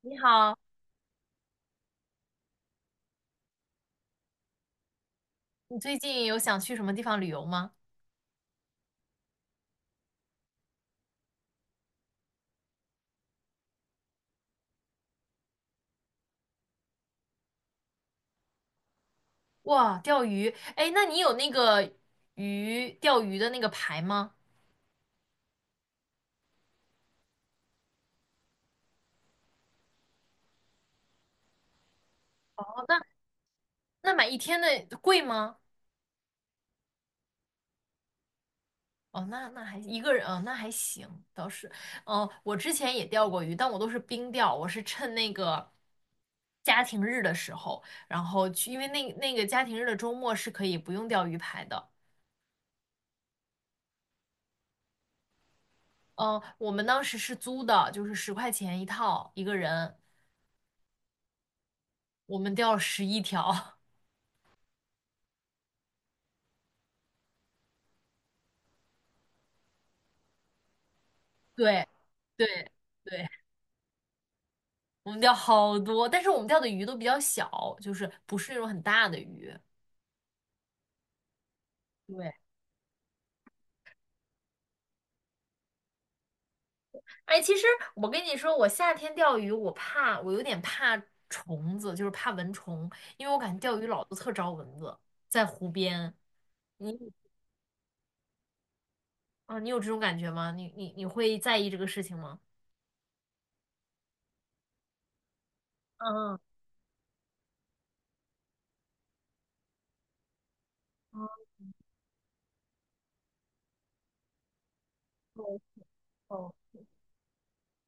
你好，你最近有想去什么地方旅游吗？哇，钓鱼，哎，那你有那个鱼钓鱼的那个牌吗？哦，那买一天的贵吗？哦，那还一个人，哦，那还行，倒是，哦，我之前也钓过鱼，但我都是冰钓，我是趁那个家庭日的时候，然后去，因为那个家庭日的周末是可以不用钓鱼牌的。嗯，我们当时是租的，就是十块钱一套一个人，我们钓了十一条。对，对，对，我们钓好多，但是我们钓的鱼都比较小，就是不是那种很大的鱼。对，哎，其实我跟你说，我夏天钓鱼，我怕，我有点怕虫子，就是怕蚊虫，因为我感觉钓鱼老是特招蚊子，在湖边。你啊，你有这种感觉吗？你会在意这个事情吗？嗯，哦，哦，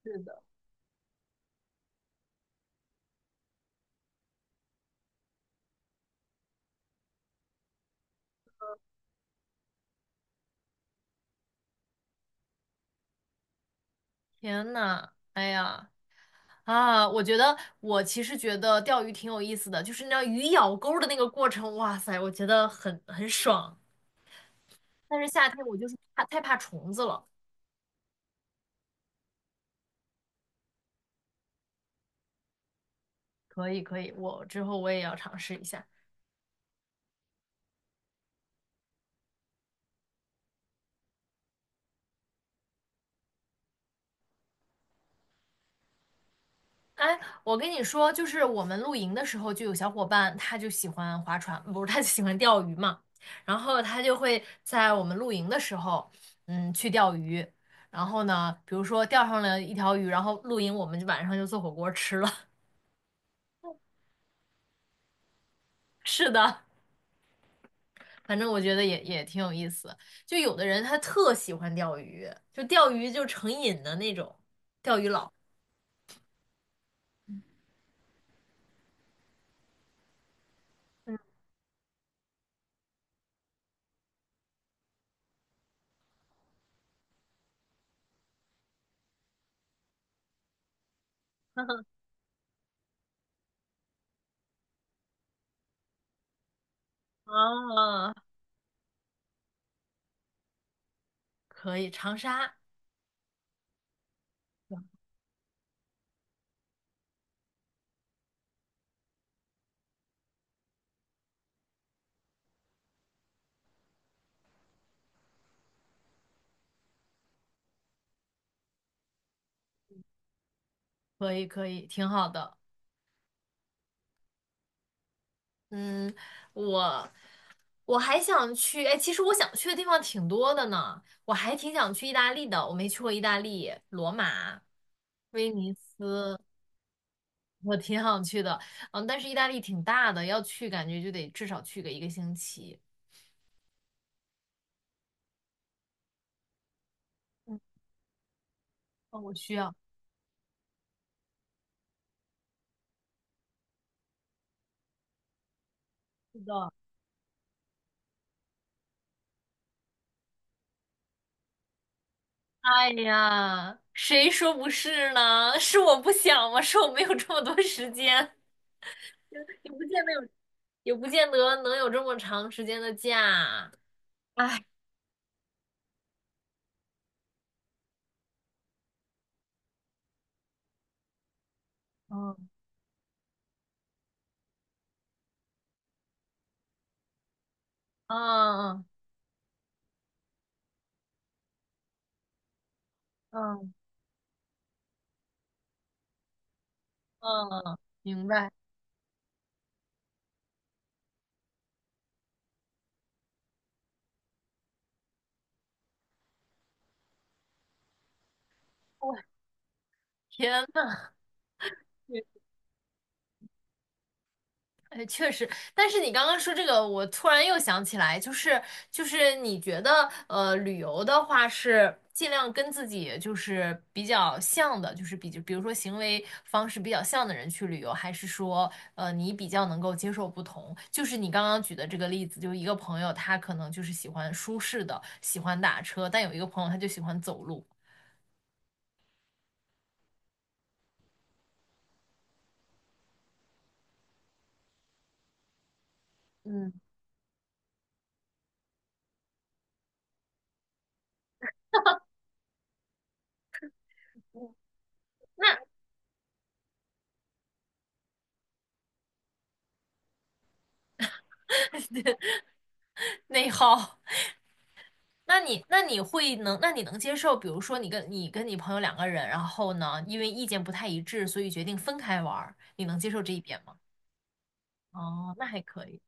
是的。天呐，哎呀，啊，我觉得我其实觉得钓鱼挺有意思的，就是那鱼咬钩的那个过程，哇塞，我觉得很爽。但是夏天我就是怕太怕虫子了。可以可以，我之后我也要尝试一下。哎，我跟你说，就是我们露营的时候，就有小伙伴他就喜欢划船，不是他就喜欢钓鱼嘛，然后他就会在我们露营的时候，嗯，去钓鱼。然后呢，比如说钓上了一条鱼，然后露营我们就晚上就做火锅吃了。是的。反正我觉得也挺有意思。就有的人他特喜欢钓鱼，就钓鱼就成瘾的那种，钓鱼佬。啊，可以，长沙可以可以，挺好的。嗯，我我还想去，哎，其实我想去的地方挺多的呢，我还挺想去意大利的，我没去过意大利，罗马、威尼斯，我挺想去的。嗯，但是意大利挺大的，要去感觉就得至少去个一个星期。哦，我需要。是的。哎呀，谁说不是呢？是我不想吗？是我没有这么多时间，也不见得有，也不见得能有这么长时间的假。哎，嗯嗯嗯嗯嗯，明白。我天呐，哎，确实，但是你刚刚说这个，我突然又想起来，你觉得，旅游的话是尽量跟自己就是比较像的，就是比如说行为方式比较像的人去旅游，还是说，你比较能够接受不同？就是你刚刚举的这个例子，就是一个朋友他可能就是喜欢舒适的，喜欢打车，但有一个朋友他就喜欢走路，嗯，那内耗。那你能接受，比如说你跟你朋友两个人，然后呢，因为意见不太一致，所以决定分开玩儿，你能接受这一点吗？哦，那还可以。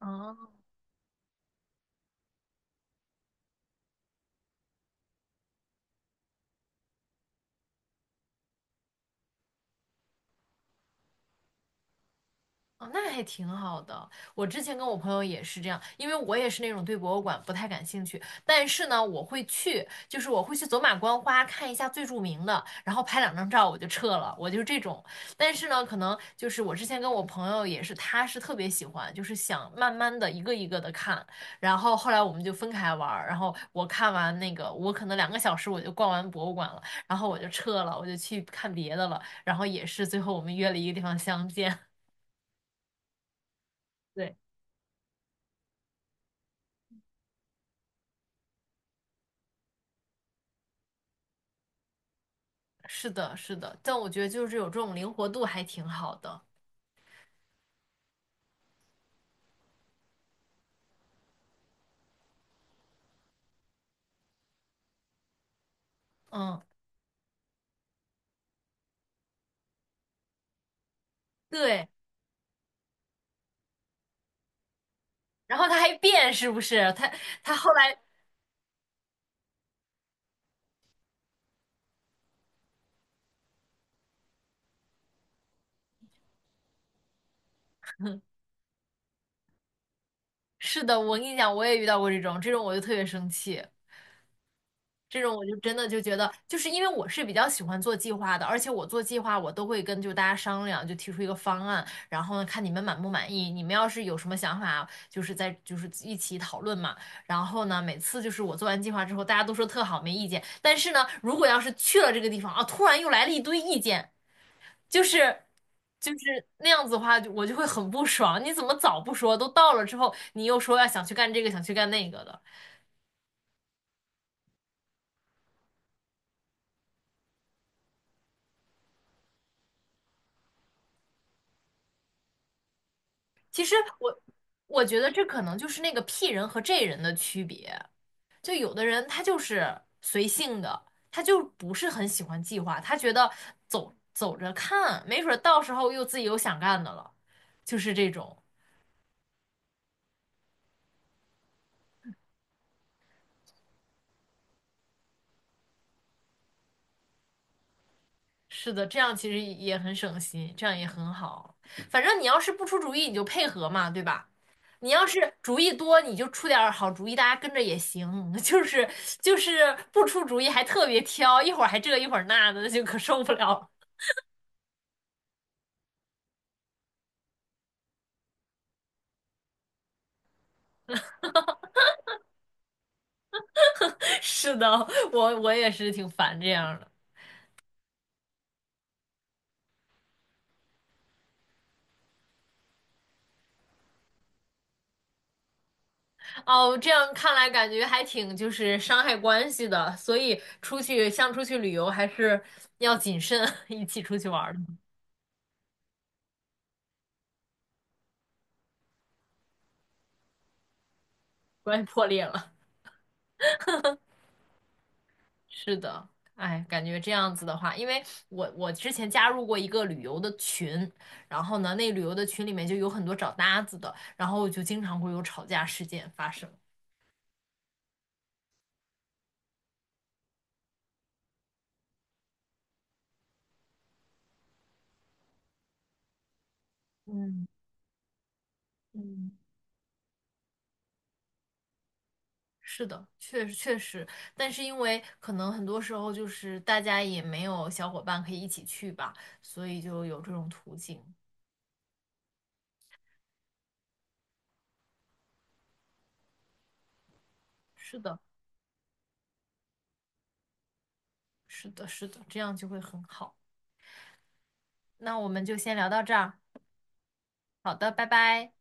哦，哦，那还挺好的。我之前跟我朋友也是这样，因为我也是那种对博物馆不太感兴趣，但是呢，我会去，就是我会去走马观花看一下最著名的，然后拍两张照我就撤了，我就是这种。但是呢，可能就是我之前跟我朋友也是，他是特别喜欢，就是想慢慢的一个一个的看，然后后来我们就分开玩儿，然后我看完那个，我可能两个小时我就逛完博物馆了，然后我就撤了，我就去看别的了，然后也是最后我们约了一个地方相见。对。是的，是的，但我觉得就是有这种灵活度还挺好的。嗯，对，然后他还变，是不是？他后来是的，我跟你讲，我也遇到过这种，这种我就特别生气。这种我就真的就觉得，就是因为我是比较喜欢做计划的，而且我做计划我都会跟就大家商量，就提出一个方案，然后呢看你们满不满意，你们要是有什么想法，就是在就是一起讨论嘛。然后呢，每次就是我做完计划之后，大家都说特好，没意见。但是呢，如果要是去了这个地方啊，突然又来了一堆意见，就是那样子的话，就我就会很不爽。你怎么早不说？都到了之后，你又说要想去干这个，想去干那个的。其实我觉得这可能就是那个 P 人和 J 人的区别。就有的人他就是随性的，他就不是很喜欢计划，他觉得走走着看，没准儿到时候又自己有想干的了，就是这种。是的，这样其实也很省心，这样也很好。反正你要是不出主意，你就配合嘛，对吧？你要是主意多，你就出点儿好主意，大家跟着也行。就是就是不出主意还特别挑，一会儿还这一会儿那的，就可受不了了。是的，我也是挺烦这样的。哦，这样看来感觉还挺就是伤害关系的，所以出去像出去旅游还是要谨慎啊，一起出去玩儿，的，关系破裂了。是的，哎，感觉这样子的话，因为我之前加入过一个旅游的群，然后呢，那旅游的群里面就有很多找搭子的，然后就经常会有吵架事件发生。嗯嗯。是的，确实确实，但是因为可能很多时候就是大家也没有小伙伴可以一起去吧，所以就有这种途径。是的，是的，是的，这样就会很好。那我们就先聊到这儿，好的，拜拜。